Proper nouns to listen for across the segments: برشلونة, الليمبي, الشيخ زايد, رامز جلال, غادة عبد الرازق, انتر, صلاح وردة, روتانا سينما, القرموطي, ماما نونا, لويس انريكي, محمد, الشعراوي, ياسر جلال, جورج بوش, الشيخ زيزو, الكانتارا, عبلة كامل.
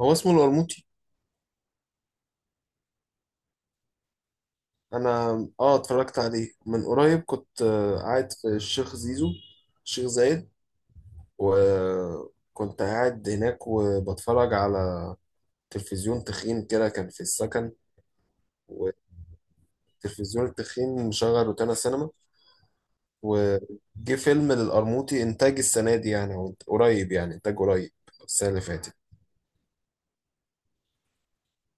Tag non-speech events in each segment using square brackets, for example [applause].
هو اسمه القرموطي. انا اه اتفرجت عليه من قريب. كنت قاعد في الشيخ زيزو، الشيخ زايد. وكنت قاعد هناك وبتفرج على تلفزيون تخين كده، كان في السكن. والتلفزيون التخين مشغل روتانا سينما. وجه فيلم للقرموطي انتاج السنه دي، يعني هو قريب، يعني انتاج قريب، السنه اللي فاتت.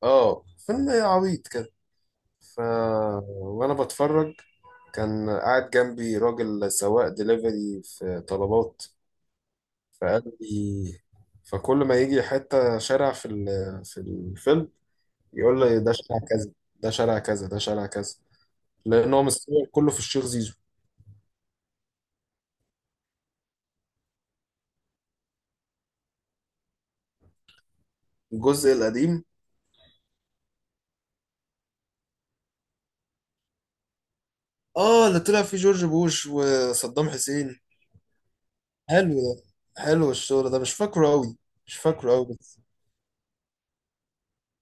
اه، فيلم عبيط كده. ف وانا بتفرج كان قاعد جنبي راجل سواق دليفري في طلبات. فقال لي، فكل ما يجي حتة شارع في الفيلم يقول لي ده شارع كذا، ده شارع كذا، ده شارع كذا. لان هو مستوى كله في الشيخ زيزو. الجزء القديم، اه، اللي طلع فيه جورج بوش وصدام حسين. حلو ده. حلو الشغل ده، مش فاكره قوي. مش فاكره قوي بس.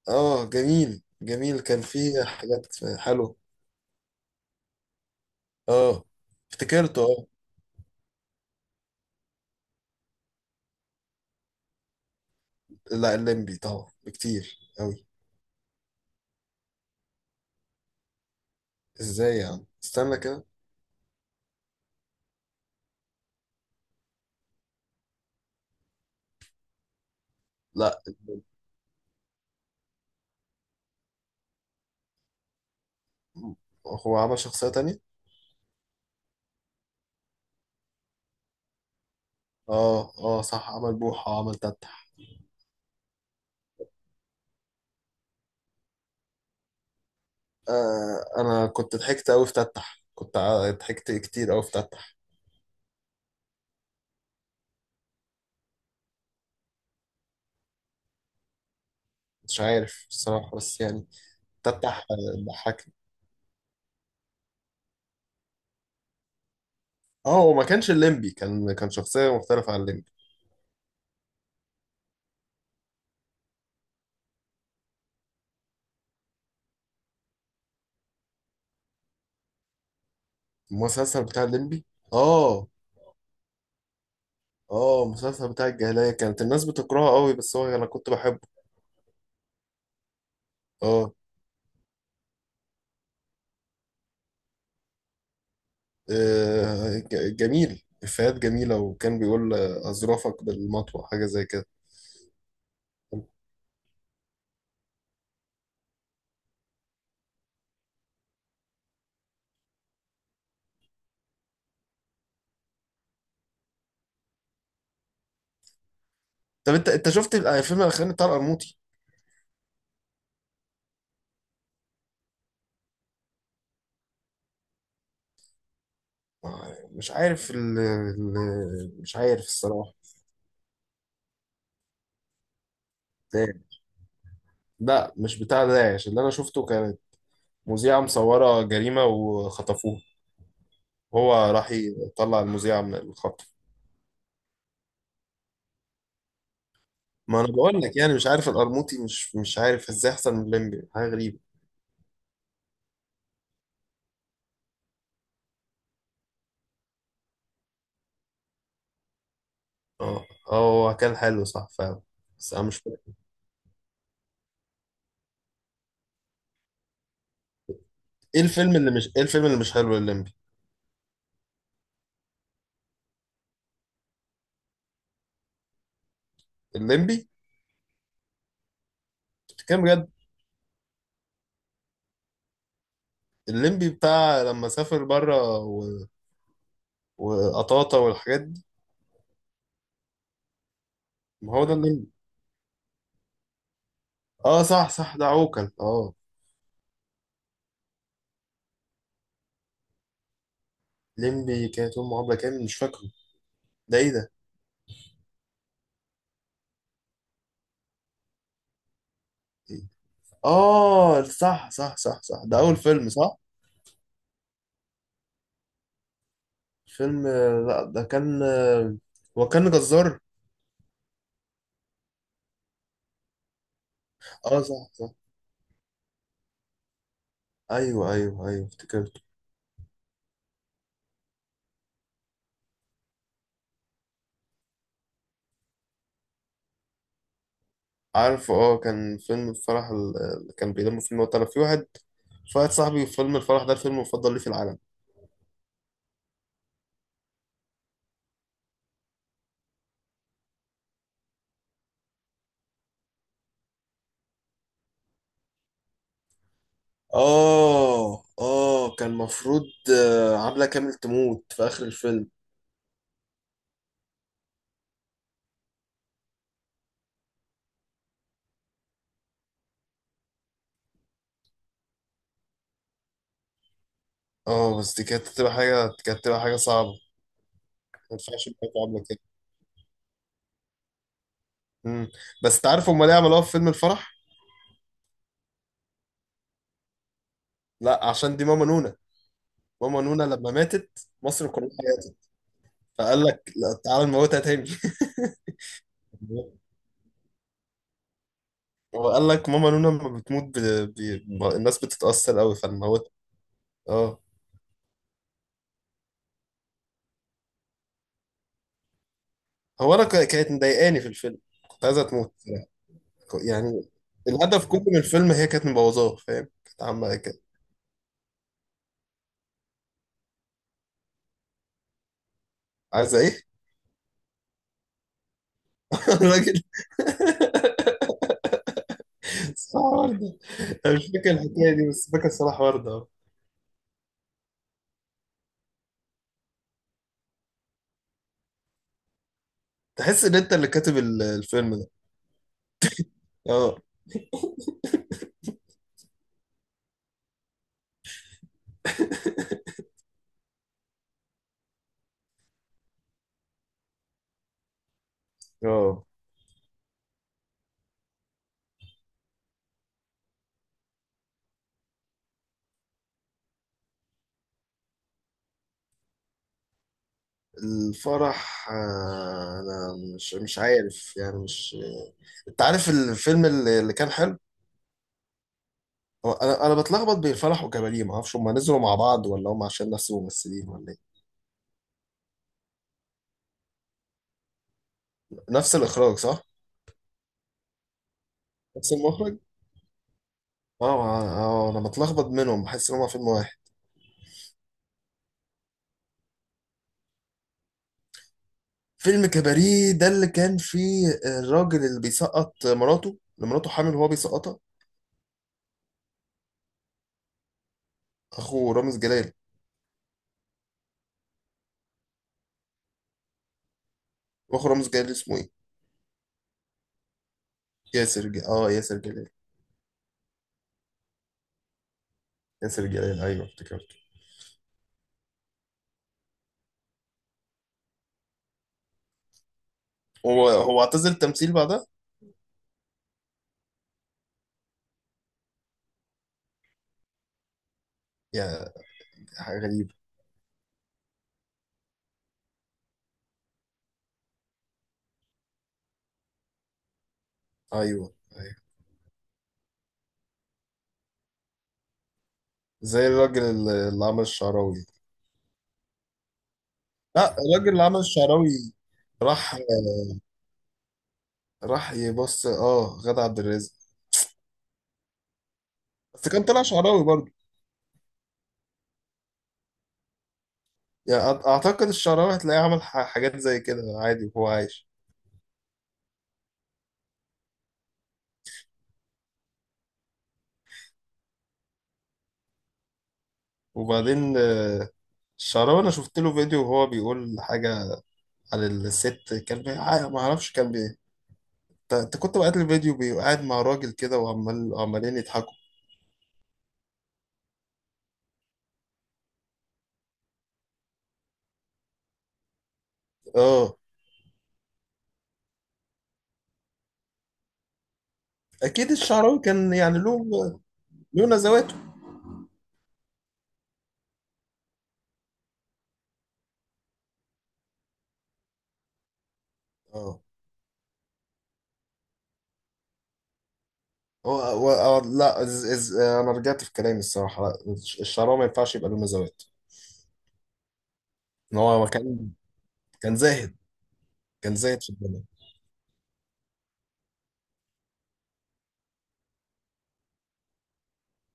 اه، جميل جميل، كان فيه حاجات حلوه. اه، افتكرته. اه، لا الليمبي طبعا بكتير أوي. ازاي يعني؟ استنى كده. لا، هو عمل شخصية تانية. اه اه صح، عمل بوحة، عمل تتح. آه، انا كنت ضحكت أوي في تتح، ضحكت كتير أوي في تتح. مش عارف الصراحة بس يعني. تتح ضحكني. اه، هو ما كانش الليمبي، كان شخصية مختلفة عن الليمبي. المسلسل بتاع الليمبي. اه اه، المسلسل بتاع الجاهلية كانت الناس بتكرهه أوي، بس هو انا كنت بحبه. اه. جميل، إفيهات جميلة. وكان بيقول أظرافك بالمطوة، حاجة زي كده. طب أنت شفت الفيلم الأخراني بتاع القرموطي؟ مش عارف مش عارف الصراحة. ده- لا، مش بتاع داعش اللي أنا شفته. كانت مذيعة مصورة جريمة وخطفوه، هو راح يطلع المذيعة من الخطف. ما انا بقول لك يعني مش عارف، القرموطي مش عارف ازاي احسن من الليمبي. حاجه غريبه. اه اه، هو كان حلو صح فعلا. بس انا مش فاكر. ايه الفيلم اللي مش حلو؟ الليمبي؟ الليمبي؟ بتتكلم بجد؟ الليمبي بتاع لما سافر بره وقطاطا والحاجات دي؟ ما هو ده الليمبي. اه صح صح، ده عوكل، اه. ليمبي كانت امه عبله كامل؟ مش فاكره. ده ايه ده؟ اه صح صح صح صح، ده اول فيلم، صح. فيلم آه، لا ده كان، وكان جزار. اه صح صح. ايوه ايوه ايوه، افتكرته. عارفه، اه. كان فيلم الفرح اللي كان بيلم فيلم وقت. انا في واحد، في واحد صاحبي فيلم الفرح ده الفيلم المفضل ليه في العالم. اه اه، كان مفروض عبلة كامل تموت في اخر الفيلم. اه، بس دي كانت تبقى حاجه، كانت تبقى حاجه صعبه. ما ينفعش يبقى عامله كده. مم. بس تعرف هم ليه عملوها في فيلم الفرح؟ لا، عشان دي ماما نونا. ماما نونا لما ماتت مصر كلها ماتت، فقال لك لا تعالى نموتها تاني. [laughs] هو قال لك ماما نونا لما بتموت ب... ب... ما- الناس بتتأثر قوي فالموت. اه. كانت مضايقاني في الفيلم، كنت عايزة تموت صراحة. يعني الهدف كله من الفيلم، هي كانت مبوظاه، فاهم؟ كانت عامة كده. عايزة ايه؟ [laughs] الراجل، صح، وردة. انا مش فاكر الحكاية دي، بس فاكر صلاح وردة، اه. تحس ان انت اللي كاتب الفيلم ده؟ اه. [laughs] اه. الفرح، انا مش عارف يعني، مش. انت عارف الفيلم اللي اللي كان حلو؟ هو انا بتلخبط بين فرح وكباريه. ما اعرفش هم نزلوا مع بعض ولا هم عشان نفس الممثلين ولا ايه. نفس الاخراج صح. نفس المخرج. اه اه، انا بتلخبط منهم، بحس ان هم فيلم واحد. فيلم كباريه ده اللي كان فيه الراجل اللي بيسقط مراته، اللي مراته حامل وهو بيسقطها؟ اخو رامز جلال. اخو رامز جلال اسمه ايه؟ اه ياسر جلال. ياسر جلال، ايوه، افتكرت. هو هو اعتزل التمثيل بعدها؟ يا، حاجه غريبه. ايوه ايوه. زي الراجل اللي عمل الشعراوي. لا، الراجل اللي عمل الشعراوي راح، راح يبص، اه، غادة عبد الرازق. بس كان طلع شعراوي برضه. يعني اعتقد الشعراوي هتلاقيه عمل حاجات زي كده عادي وهو عايش. وبعدين الشعراوي انا شفت له فيديو وهو بيقول حاجة على الست. كان بي... ع- ما اعرفش كان بي انت كنت بقيت الفيديو قاعد مع راجل كده وعمال عمالين يضحكوا. اه. اكيد الشعراوي كان يعني له، له نزواته. اه. لا، إز إز آه، انا رجعت في كلامي الصراحه. لا، الشراب ما ينفعش يبقى له مزاوات. ان هو كان، كان زاهد. كان زاهد في الدنيا.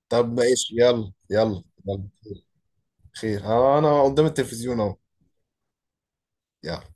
طب ماشي، يلا يلا يلا. خير، انا قدام التلفزيون اهو. يلا.